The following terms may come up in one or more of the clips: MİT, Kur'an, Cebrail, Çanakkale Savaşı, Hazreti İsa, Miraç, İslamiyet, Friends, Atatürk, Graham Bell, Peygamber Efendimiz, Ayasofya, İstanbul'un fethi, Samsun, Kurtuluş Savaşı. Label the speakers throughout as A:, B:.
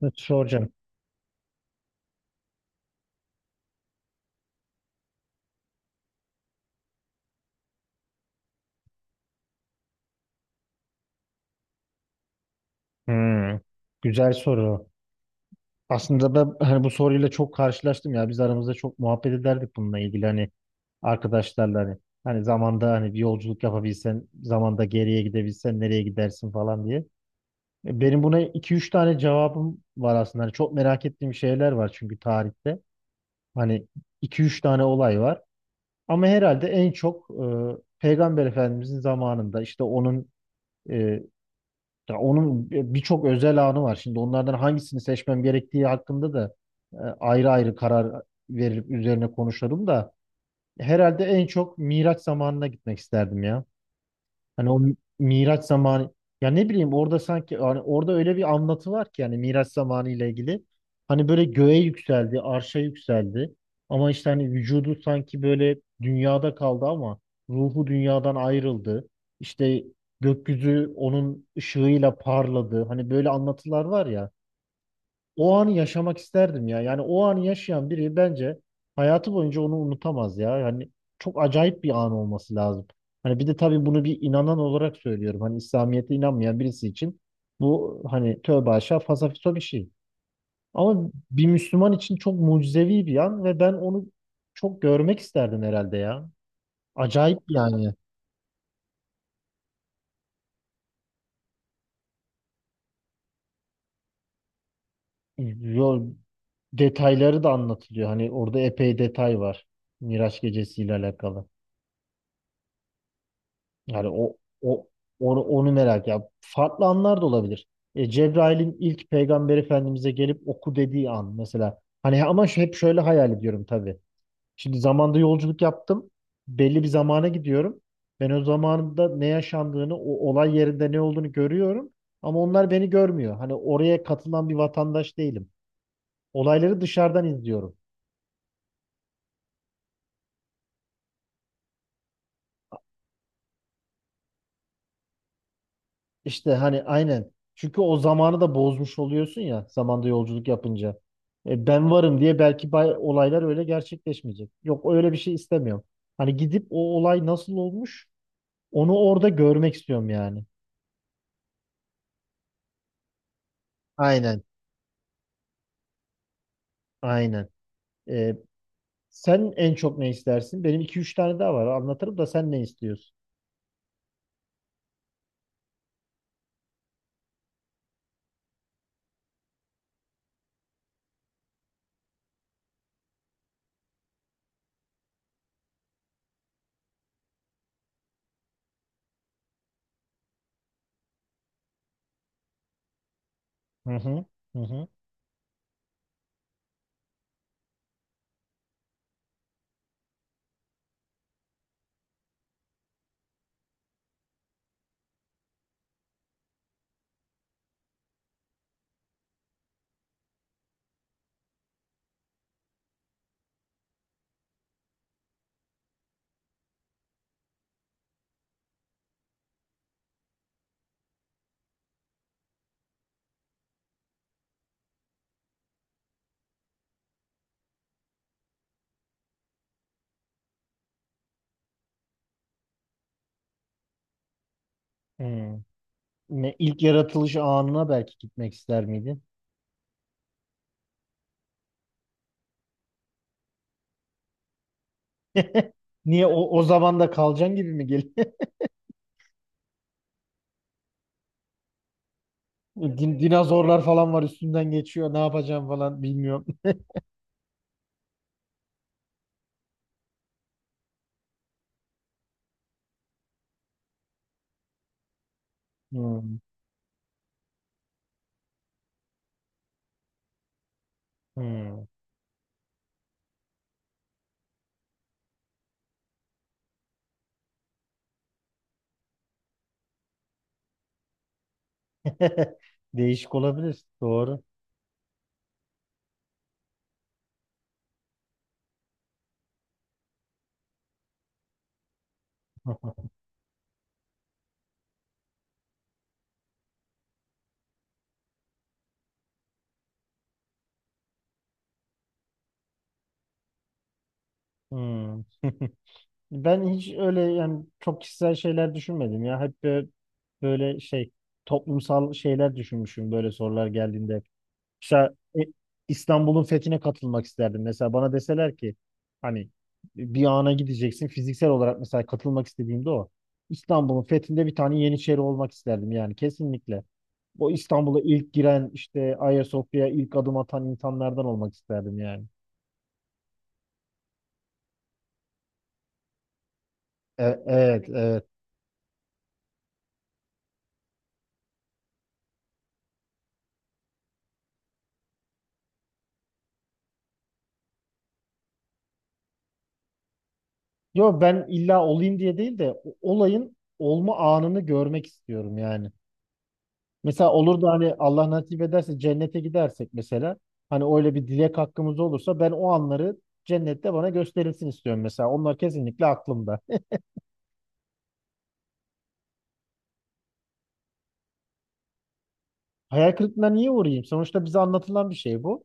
A: Ne soracağım? Hmm, güzel soru. Aslında ben hani bu soruyla çok karşılaştım ya. Biz aramızda çok muhabbet ederdik bununla ilgili hani arkadaşlarla hani. Hani zamanda hani bir yolculuk yapabilsen, zamanda geriye gidebilsen nereye gidersin falan diye. Benim buna iki üç tane cevabım var aslında. Hani çok merak ettiğim şeyler var çünkü tarihte. Hani iki üç tane olay var. Ama herhalde en çok Peygamber Efendimizin zamanında işte onun e, ya onun birçok özel anı var. Şimdi onlardan hangisini seçmem gerektiği hakkında da ayrı ayrı karar verip üzerine konuşalım da herhalde en çok Miraç zamanına gitmek isterdim ya. Hani Miraç zamanı ya ne bileyim orada sanki hani orada öyle bir anlatı var ki yani Miraç zamanı ile ilgili. Hani böyle göğe yükseldi, arşa yükseldi. Ama işte hani vücudu sanki böyle dünyada kaldı ama ruhu dünyadan ayrıldı. İşte gökyüzü onun ışığıyla parladı. Hani böyle anlatılar var ya o anı yaşamak isterdim ya. Yani o anı yaşayan biri bence hayatı boyunca onu unutamaz ya. Yani çok acayip bir an olması lazım. Hani bir de tabii bunu bir inanan olarak söylüyorum. Hani İslamiyet'e inanmayan birisi için bu hani tövbe aşağı fasafiso bir şey. Ama bir Müslüman için çok mucizevi bir an ve ben onu çok görmek isterdim herhalde ya. Acayip yani. Yo, detayları da anlatılıyor. Hani orada epey detay var. Miraç gecesiyle alakalı. Yani o, o onu merak ya. Farklı anlar da olabilir. Cebrail'in ilk Peygamber Efendimiz'e gelip oku dediği an mesela. Hani ama şu- hep şöyle hayal ediyorum tabii. Şimdi zamanda yolculuk yaptım. Belli bir zamana gidiyorum. Ben o zamanda ne yaşandığını, o olay yerinde ne olduğunu görüyorum. Ama onlar beni görmüyor. Hani oraya katılan bir vatandaş değilim. Olayları dışarıdan izliyorum. İşte hani aynen. Çünkü o zamanı da bozmuş oluyorsun ya zamanda yolculuk yapınca. Ben varım diye belki bay- olaylar öyle gerçekleşmeyecek. Yok öyle bir şey istemiyorum. Hani gidip o olay nasıl olmuş onu orada görmek istiyorum yani. Aynen. Aynen. E, sen en çok ne istersin? Benim iki üç tane daha var. Anlatırım da sen ne istiyorsun? Hı hı. Hı hı. Hmm. Ne, ilk yaratılış anına belki gitmek ister miydin? Niye o zaman da kalacaksın gibi mi dinozorlar falan var üstünden geçiyor. Ne yapacağım falan bilmiyorum. Hmm, hmm. Değişik olabilir. Doğru. Hmm. Ben hiç öyle yani çok kişisel şeyler düşünmedim ya. Böyle şey toplumsal şeyler düşünmüşüm böyle sorular geldiğinde. Mesela İstanbul'un fethine katılmak isterdim. Mesela bana deseler ki hani bir ana gideceksin fiziksel olarak mesela katılmak istediğimde o. İstanbul'un fethinde bir tane yeniçeri olmak isterdim yani kesinlikle. Bu İstanbul'a ilk giren işte Ayasofya'ya ilk adım atan insanlardan olmak isterdim yani. Evet, evet. Yo ben illa olayım diye değil de o- olayın olma anını görmek istiyorum yani. Mesela olur da hani Allah nasip ederse cennete gidersek mesela hani öyle bir dilek hakkımız olursa ben o anları cennette bana gösterilsin istiyorum mesela. Onlar kesinlikle aklımda. Hayal kırıklığına niye uğrayayım? Sonuçta bize anlatılan bir şey bu.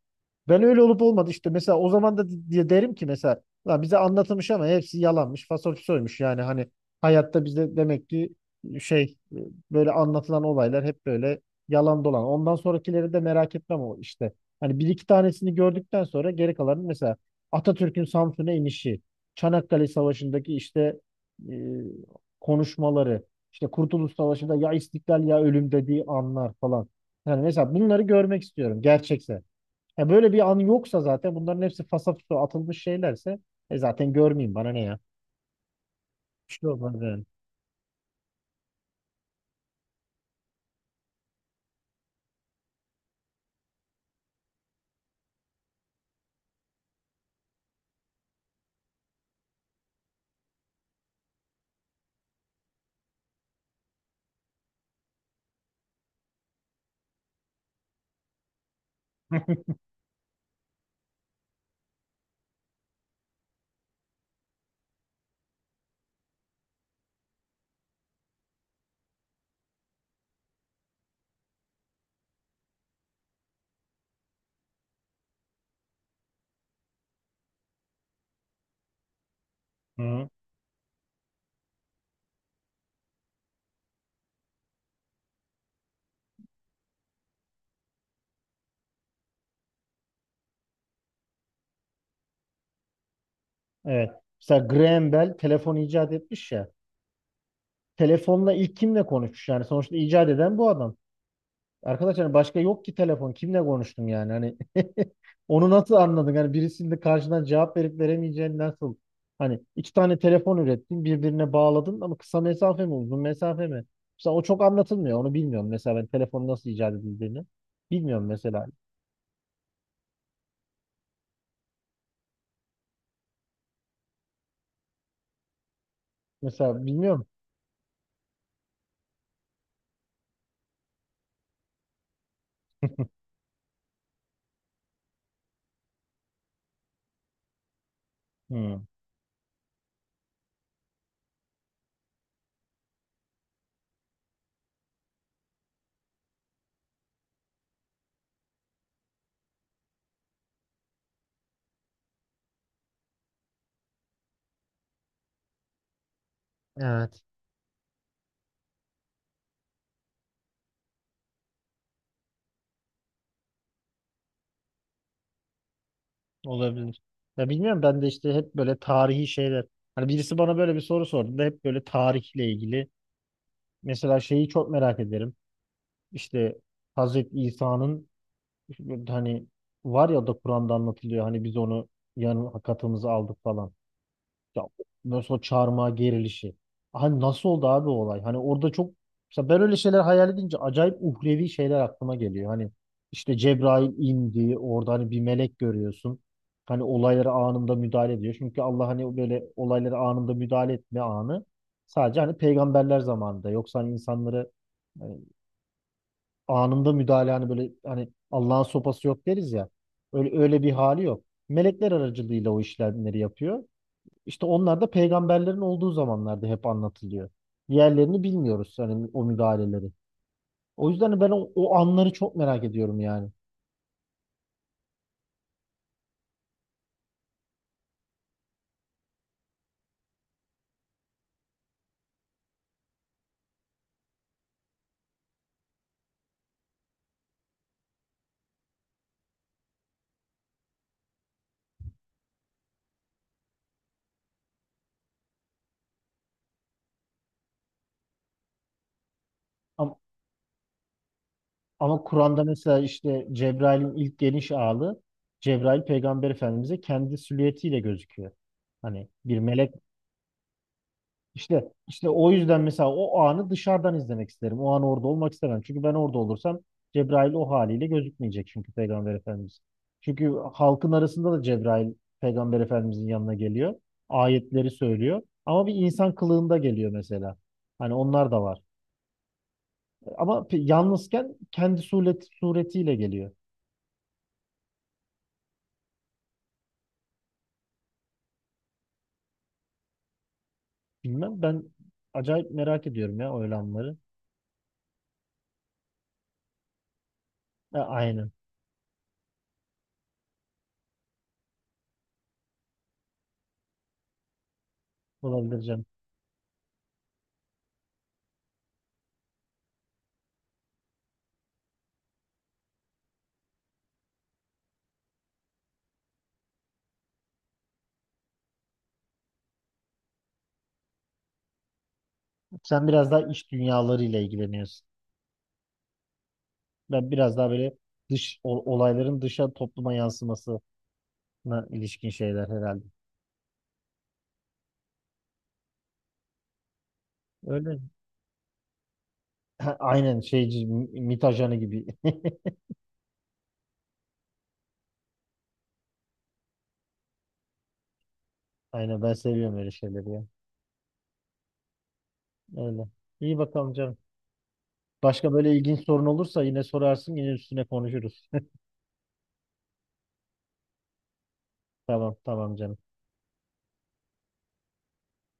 A: Ben öyle olup olmadı işte mesela o zaman da di- diye derim ki mesela "Lan bize anlatılmış ama hepsi yalanmış, fasolfisoymuş yani hani hayatta bize demek ki e, şey e, böyle anlatılan olaylar hep böyle yalan dolan. Ondan sonrakileri de merak etmem o işte. Hani bir iki tanesini gördükten sonra geri kalanı mesela Atatürk'ün Samsun'a inişi, Çanakkale Savaşı'ndaki işte e, konuşmaları, işte Kurtuluş Savaşı'nda ya istiklal ya ölüm dediği anlar falan. Yani mesela bunları görmek istiyorum gerçekse. Ya böyle bir an yoksa zaten bunların hepsi fasafiso atılmış şeylerse e zaten görmeyeyim bana ne ya. Bir şey olmaz yani. Hı. Evet. Mesela Graham Bell telefon icat etmiş ya. Telefonla ilk kimle konuşmuş yani sonuçta icat eden bu adam. Arkadaşlar başka yok ki telefon. Kimle konuştun yani? Hani onu nasıl anladın? Hani birisinin de karşıdan cevap verip veremeyeceğini nasıl? Hani iki tane telefon ürettin, birbirine bağladın ama kısa mesafe mi, uzun mesafe mi? Mesela o çok anlatılmıyor. Onu bilmiyorum. Mesela ben telefonu nasıl icat edildiğini bilmiyorum mesela. Mesela bilmiyorum. Hmm. Evet, olabilir. Ya bilmiyorum ben de işte hep böyle tarihi şeyler. Hani birisi bana böyle bir soru sordu da hep böyle tarihle ilgili. Mesela şeyi çok merak ederim. İşte Hazreti İsa'nın hani var ya da Kur'an'da anlatılıyor hani biz onu yanına katımızı aldık falan. Ya mesela o çarmıha gerilişi. Hani nasıl oldu abi o olay? Hani orada çok mesela ben öyle şeyler hayal edince acayip uhrevi şeyler aklıma geliyor. Hani işte Cebrail indi orada hani bir melek görüyorsun. Hani olaylara anında müdahale ediyor. Çünkü Allah hani böyle olaylara anında müdahale etme anı sadece hani peygamberler zamanında. Yoksa hani insanları e, anında müdahale hani böyle hani Allah'ın sopası yok deriz ya. Öyle, öyle bir hali yok. Melekler aracılığıyla o işlemleri yapıyor. İşte onlar da peygamberlerin olduğu zamanlarda hep anlatılıyor. Diğerlerini bilmiyoruz hani o müdahaleleri. O yüzden ben o anları çok merak ediyorum yani. Ama, ama Kur'an'da mesela işte Cebrail'in ilk geniş ağlı Cebrail Peygamber Efendimiz'e kendi silüetiyle gözüküyor. Hani bir melek İşte o yüzden mesela o anı dışarıdan izlemek isterim. O an orada olmak istemem. Çünkü ben orada olursam Cebrail o haliyle gözükmeyecek çünkü Peygamber Efendimiz. Çünkü halkın arasında da Cebrail Peygamber Efendimizin yanına geliyor. Ayetleri söylüyor. Ama bir insan kılığında geliyor mesela. Hani onlar da var. Ama pe- yalnızken kendi suretiyle geliyor. Bilmem ben acayip merak ediyorum ya o olanları. Aynen. Olabilir canım. Sen biraz daha iç dünyalarıyla ilgileniyorsun. Ben biraz daha böyle dış olayların dışa topluma yansımasına ilişkin şeyler herhalde. Öyle. Ha, aynen şeyci MİT ajanı gibi. Aynen ben seviyorum öyle şeyleri ya. Öyle. İyi bakalım canım. Başka böyle ilginç sorun olursa yine sorarsın yine üstüne konuşuruz. Tamam tamam canım.